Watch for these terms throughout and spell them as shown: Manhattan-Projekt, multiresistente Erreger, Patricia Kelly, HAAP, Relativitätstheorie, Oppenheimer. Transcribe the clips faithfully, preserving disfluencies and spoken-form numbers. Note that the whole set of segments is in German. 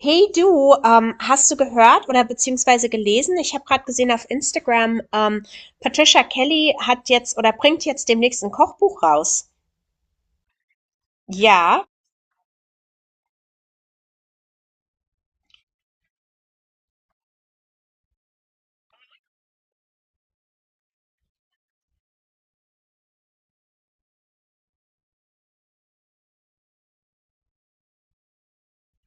Hey du, ähm, hast du gehört oder beziehungsweise gelesen? Ich habe gerade gesehen auf Instagram. ähm, Patricia Kelly hat jetzt oder bringt jetzt demnächst ein Kochbuch raus. Ja.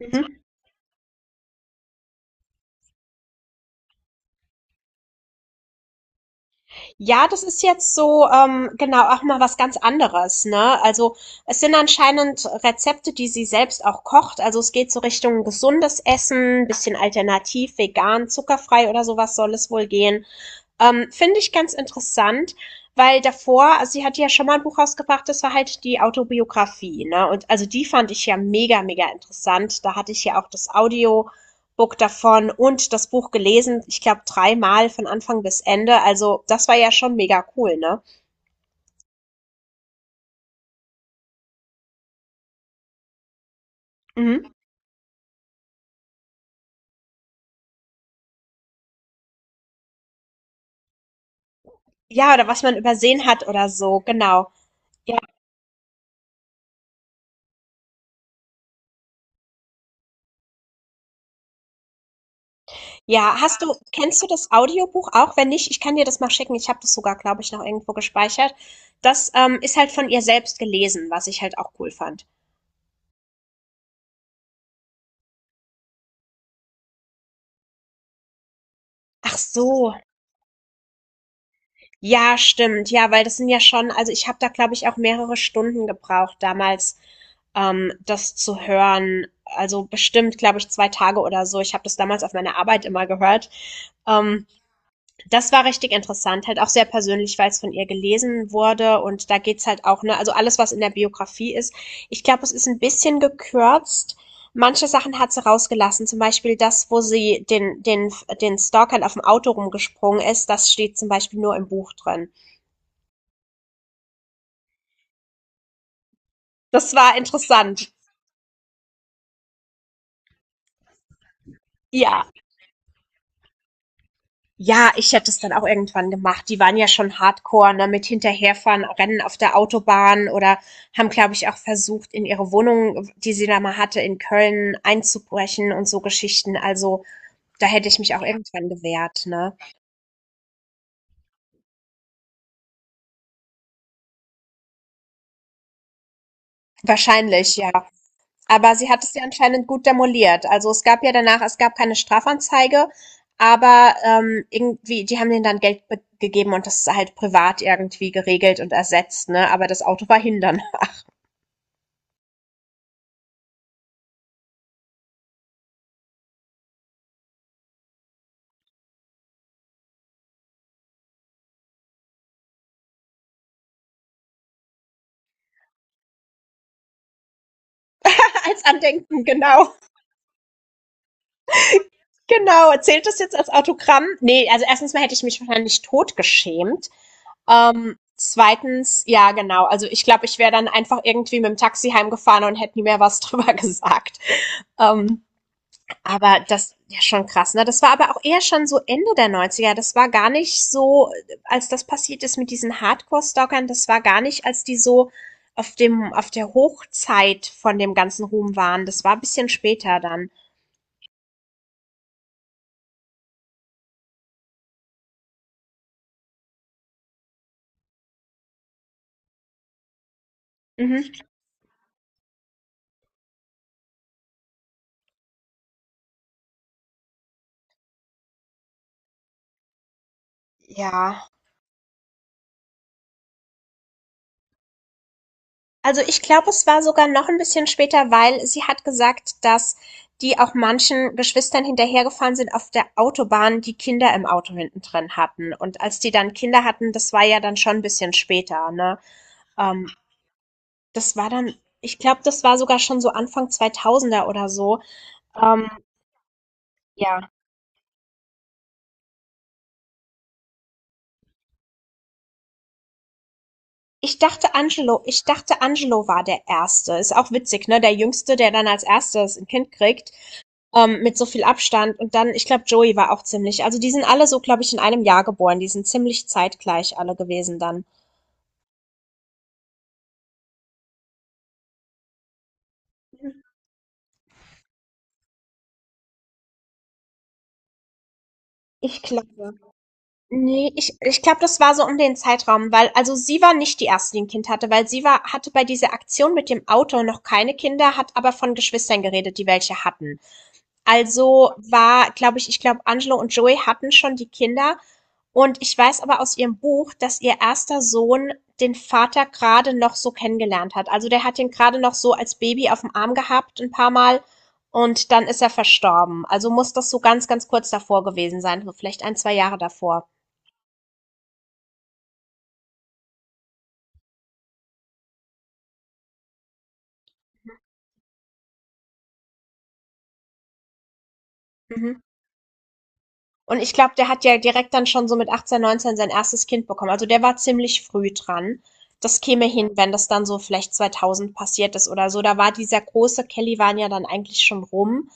Mhm. Ja, das ist jetzt so, ähm, genau, auch mal was ganz anderes, ne? Also es sind anscheinend Rezepte, die sie selbst auch kocht. Also es geht so Richtung gesundes Essen, bisschen alternativ, vegan, zuckerfrei oder sowas soll es wohl gehen. Ähm, finde ich ganz interessant, weil davor, also sie hat ja schon mal ein Buch rausgebracht, das war halt die Autobiografie, ne? Und also die fand ich ja mega, mega interessant. Da hatte ich ja auch das Audiobook davon und das Buch gelesen, ich glaube dreimal von Anfang bis Ende. Also das war ja schon mega cool, ne? Mhm. Ja, oder was man übersehen hat oder so, genau. Ja. Ja, hast du, kennst du das Audiobuch auch? Wenn nicht, ich kann dir das mal schicken. Ich habe das sogar, glaube ich, noch irgendwo gespeichert. Das ähm, ist halt von ihr selbst gelesen, was ich halt auch cool fand. Ach so, ja, stimmt. Ja, weil das sind ja schon, also ich habe da, glaube ich, auch mehrere Stunden gebraucht damals, ähm, das zu hören. Also bestimmt, glaube ich, zwei Tage oder so. Ich habe das damals auf meiner Arbeit immer gehört. Ähm, Das war richtig interessant, halt auch sehr persönlich, weil es von ihr gelesen wurde und da geht's halt auch, ne, also alles, was in der Biografie ist. Ich glaube, es ist ein bisschen gekürzt. Manche Sachen hat sie rausgelassen, zum Beispiel das, wo sie den, den, den Stalkern auf dem Auto rumgesprungen ist, das steht zum Beispiel nur im Buch drin. Das war interessant. Ja, ja, ich hätte es dann auch irgendwann gemacht. Die waren ja schon hardcore, ne, mit hinterherfahren, Rennen auf der Autobahn oder haben, glaube ich, auch versucht, in ihre Wohnung, die sie da mal hatte, in Köln einzubrechen und so Geschichten. Also, da hätte ich mich auch irgendwann gewehrt, ne? Wahrscheinlich, ja. Aber sie hat es ja anscheinend gut demoliert. Also es gab ja danach, es gab keine Strafanzeige, aber ähm, irgendwie, die haben denen dann Geld be- gegeben und das ist halt privat irgendwie geregelt und ersetzt, ne? Aber das Auto war hin danach. Als Andenken, genau. Genau. Zählt das jetzt als Autogramm? Nee, also erstens mal hätte ich mich wahrscheinlich totgeschämt. Ähm, zweitens, ja, genau. Also ich glaube, ich wäre dann einfach irgendwie mit dem Taxi heimgefahren und hätte nie mehr was drüber gesagt. Ähm, aber das, ja, schon krass. Ne? Das war aber auch eher schon so Ende der Neunziger. Das war gar nicht so, als das passiert ist mit diesen Hardcore-Stalkern, das war gar nicht, als die so auf dem, auf der Hochzeit von dem ganzen Ruhm waren. Das war ein bisschen später dann. Mhm. Ja, also, ich glaube, es war sogar noch ein bisschen später, weil sie hat gesagt, dass die auch manchen Geschwistern hinterhergefahren sind auf der Autobahn, die Kinder im Auto hinten drin hatten. Und als die dann Kinder hatten, das war ja dann schon ein bisschen später, ne? Ähm, das war dann ich glaube, das war sogar schon so Anfang zweitausender oder so. Ähm, ja. Ich dachte, Angelo ich dachte, Angelo war der Erste. Ist auch witzig, ne? Der Jüngste, der dann als Erstes ein Kind kriegt. Ähm, mit so viel Abstand. Und dann, ich glaube, Joey war auch ziemlich. Also die sind alle so, glaube ich, in einem Jahr geboren. Die sind ziemlich zeitgleich alle gewesen dann. Ich glaube. Nee, ich, ich glaube, das war so um den Zeitraum, weil, also sie war nicht die erste, die ein Kind hatte, weil sie war, hatte bei dieser Aktion mit dem Auto noch keine Kinder, hat aber von Geschwistern geredet, die welche hatten. Also war, glaube ich ich glaube, Angelo und Joey hatten schon die Kinder. Und ich weiß aber aus ihrem Buch, dass ihr erster Sohn den Vater gerade noch so kennengelernt hat. Also der hat ihn gerade noch so als Baby auf dem Arm gehabt ein paar Mal und dann ist er verstorben. Also muss das so ganz, ganz kurz davor gewesen sein, so vielleicht ein zwei Jahre davor. Mhm. Und ich glaube, der hat ja direkt dann schon so mit achtzehn, neunzehn sein erstes Kind bekommen. Also der war ziemlich früh dran. Das käme hin, wenn das dann so vielleicht zweitausend passiert ist oder so. Da war dieser große Kellywan ja dann eigentlich schon rum.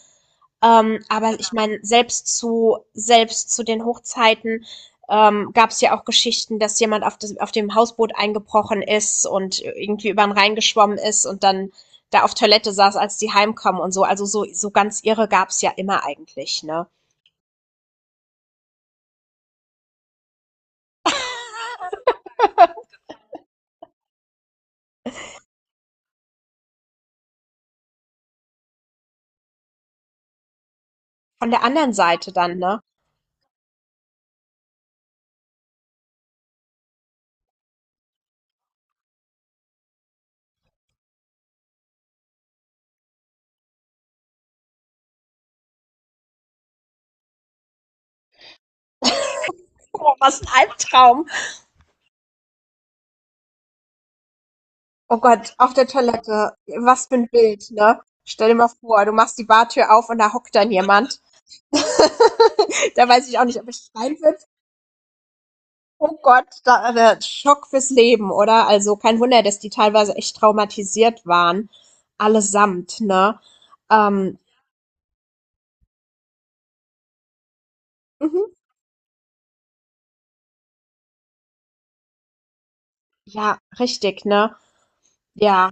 Ähm, aber ich meine, selbst zu, selbst zu den Hochzeiten ähm, gab es ja auch Geschichten, dass jemand auf, das, auf dem Hausboot eingebrochen ist und irgendwie über den Rhein geschwommen ist und dann da auf Toilette saß, als die heimkamen und so. Also so, so ganz irre gab es ja immer eigentlich, ne? Von der anderen Seite dann, ne? Oh, was ein Albtraum. Oh Gott, auf der Toilette. Was für ein Bild, ne? Stell dir mal vor, du machst die Bartür auf und da hockt dann jemand. Da weiß ich auch nicht, ob ich schreien würde. Oh Gott, da, da, Schock fürs Leben, oder? Also kein Wunder, dass die teilweise echt traumatisiert waren. Allesamt, ne? Ähm, mhm. Ja, richtig, ne? Ja,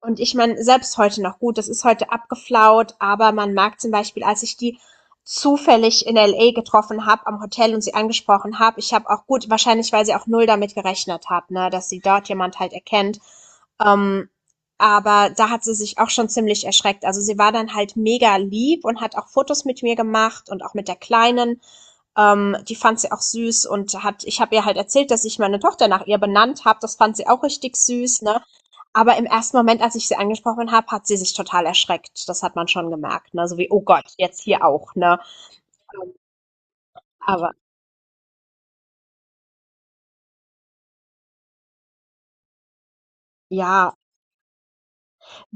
und ich meine, selbst heute noch gut, das ist heute abgeflaut, aber man merkt zum Beispiel, als ich die zufällig in L A getroffen habe am Hotel und sie angesprochen habe, ich habe auch gut, wahrscheinlich weil sie auch null damit gerechnet hat, ne, dass sie dort jemand halt erkennt. Ähm, aber da hat sie sich auch schon ziemlich erschreckt. Also sie war dann halt mega lieb und hat auch Fotos mit mir gemacht und auch mit der Kleinen. Ähm, die fand sie auch süß und hat, ich habe ihr halt erzählt, dass ich meine Tochter nach ihr benannt habe. Das fand sie auch richtig süß, ne? Aber im ersten Moment, als ich sie angesprochen habe, hat sie sich total erschreckt. Das hat man schon gemerkt, ne? So wie, oh Gott, jetzt hier auch, ne? Aber ja,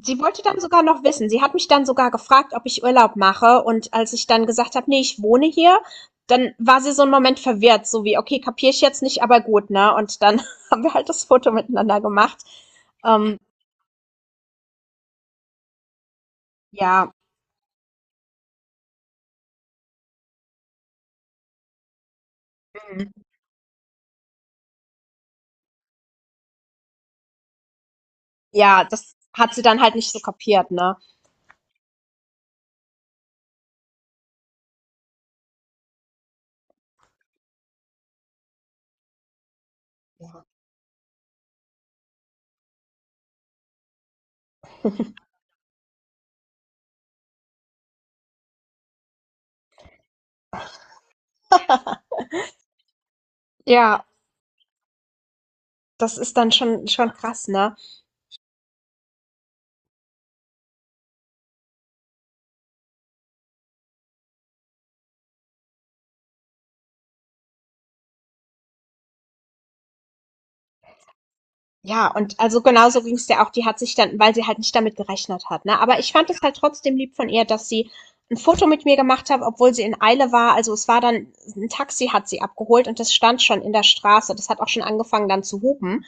sie wollte dann sogar noch wissen. Sie hat mich dann sogar gefragt, ob ich Urlaub mache. Und als ich dann gesagt habe, nee, ich wohne hier, dann war sie so einen Moment verwirrt, so wie, okay, kapiere ich jetzt nicht, aber gut, ne? Und dann haben wir halt das Foto miteinander gemacht. Ähm, ja, mm, ja, das hat sie dann halt nicht so kapiert, ne? Ja, das ist dann schon, schon krass, ne? Ja, und also genauso ging es ja auch. Die hat sich dann weil sie halt nicht damit gerechnet hat, ne? Aber ich fand es halt trotzdem lieb von ihr, dass sie ein Foto mit mir gemacht hat, obwohl sie in Eile war. Also, es war dann ein Taxi hat sie abgeholt und das stand schon in der Straße. Das hat auch schon angefangen dann zu hupen.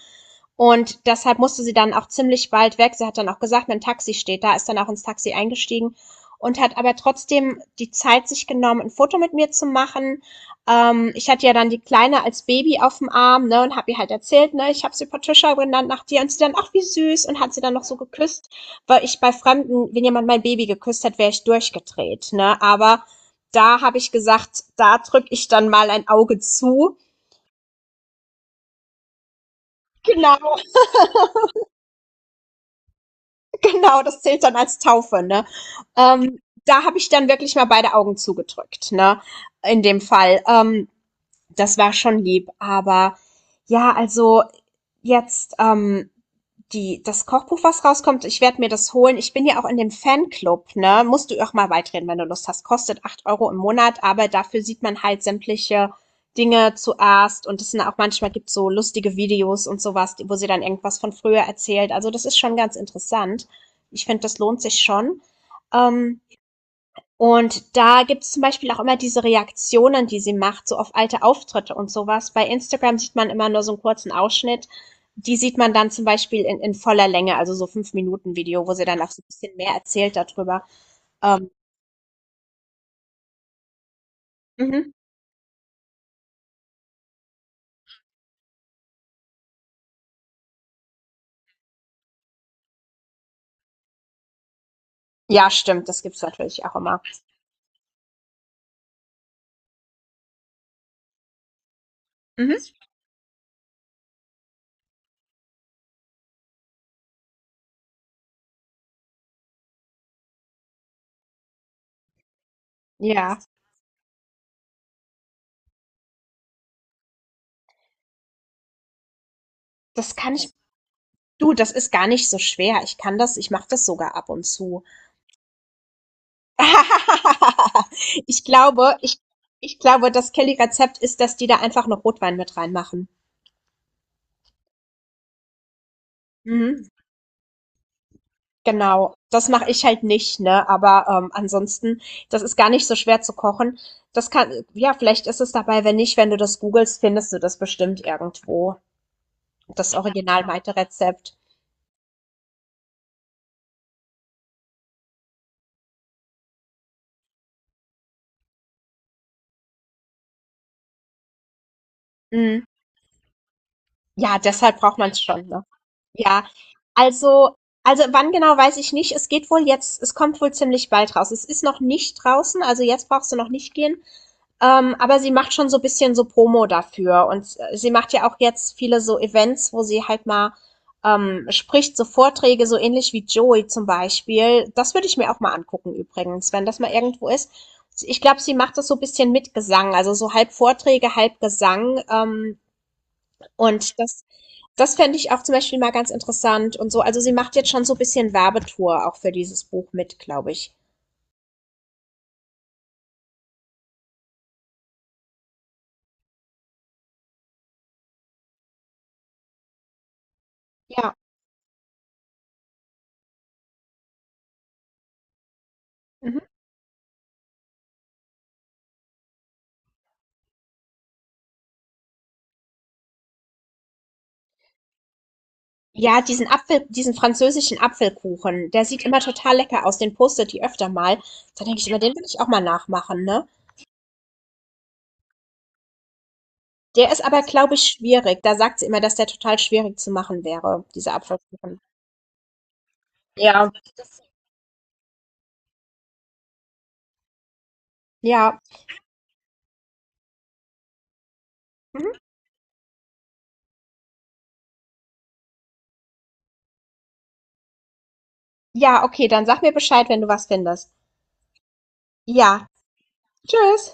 Und deshalb musste sie dann auch ziemlich bald weg. Sie hat dann auch gesagt: „Mein Taxi steht da", ist dann auch ins Taxi eingestiegen und hat aber trotzdem die Zeit sich genommen, ein Foto mit mir zu machen. Ähm, ich hatte ja dann die Kleine als Baby auf dem Arm, ne, und habe ihr halt erzählt, ne, ich habe sie Patricia genannt nach dir und sie dann, ach wie süß, und hat sie dann noch so geküsst, weil ich bei Fremden, wenn jemand mein Baby geküsst hat, wäre ich durchgedreht, ne, aber da habe ich gesagt, da drücke ich dann mal ein Auge zu. Genau, genau, das zählt dann als Taufe, ne. Ähm, da habe ich dann wirklich mal beide Augen zugedrückt, ne, in dem Fall. Ähm, das war schon lieb, aber ja, also jetzt ähm, die das Kochbuch, was rauskommt, ich werde mir das holen. Ich bin ja auch in dem Fanclub, ne? Musst du auch mal beitreten, wenn du Lust hast. Kostet acht Euro im Monat, aber dafür sieht man halt sämtliche Dinge zuerst und es sind auch manchmal gibt so lustige Videos und sowas, wo sie dann irgendwas von früher erzählt. Also das ist schon ganz interessant. Ich finde, das lohnt sich schon. Ähm, und da gibt es zum Beispiel auch immer diese Reaktionen, die sie macht, so auf alte Auftritte und sowas. Bei Instagram sieht man immer nur so einen kurzen Ausschnitt. Die sieht man dann zum Beispiel in in voller Länge, also so fünf Minuten Video, wo sie dann auch so ein bisschen mehr erzählt darüber. Ähm, mhm. Ja, stimmt, das gibt's natürlich auch immer. Mhm. Ja, das kann ich du, das ist gar nicht so schwer. Ich kann das ich mache das sogar ab und zu. Ich glaube ich Ich glaube, das Kelly-Rezept ist, dass die da einfach noch Rotwein mit reinmachen. Mhm. Genau, das mache ich halt nicht, ne? Aber, ähm, ansonsten das ist gar nicht so schwer zu kochen. Das kann ja, vielleicht ist es dabei, wenn nicht, wenn du das googelst, findest du das bestimmt irgendwo, das. Ja. Original Maite-Rezept. Mhm. Ja, deshalb braucht man es schon, ne? Ja, also also wann genau, weiß ich nicht. Es geht wohl jetzt es kommt wohl ziemlich bald raus. Es ist noch nicht draußen, also jetzt brauchst du noch nicht gehen. Ähm, aber sie macht schon so ein bisschen so Promo dafür und äh, sie macht ja auch jetzt viele so Events, wo sie halt mal ähm, spricht, so Vorträge, so ähnlich wie Joey zum Beispiel. Das würde ich mir auch mal angucken übrigens, wenn das mal irgendwo ist. Ich glaube, sie macht das so ein bisschen mit Gesang, also so halb Vorträge, halb Gesang. Ähm, und das, das fände ich auch zum Beispiel mal ganz interessant und so. Also sie macht jetzt schon so ein bisschen Werbetour auch für dieses Buch mit, glaube ich. Ja. Mhm. Ja, diesen Apfel diesen französischen Apfelkuchen, der sieht immer total lecker aus, den postet die öfter mal. Da denke ich immer, den will ich auch mal nachmachen, ne? Der ist aber, glaube ich, schwierig. Da sagt sie immer, dass der total schwierig zu machen wäre, dieser Apfelkuchen. Ja. Ja. Mhm. Ja, okay, dann sag mir Bescheid, wenn du was findest. Ja. Tschüss.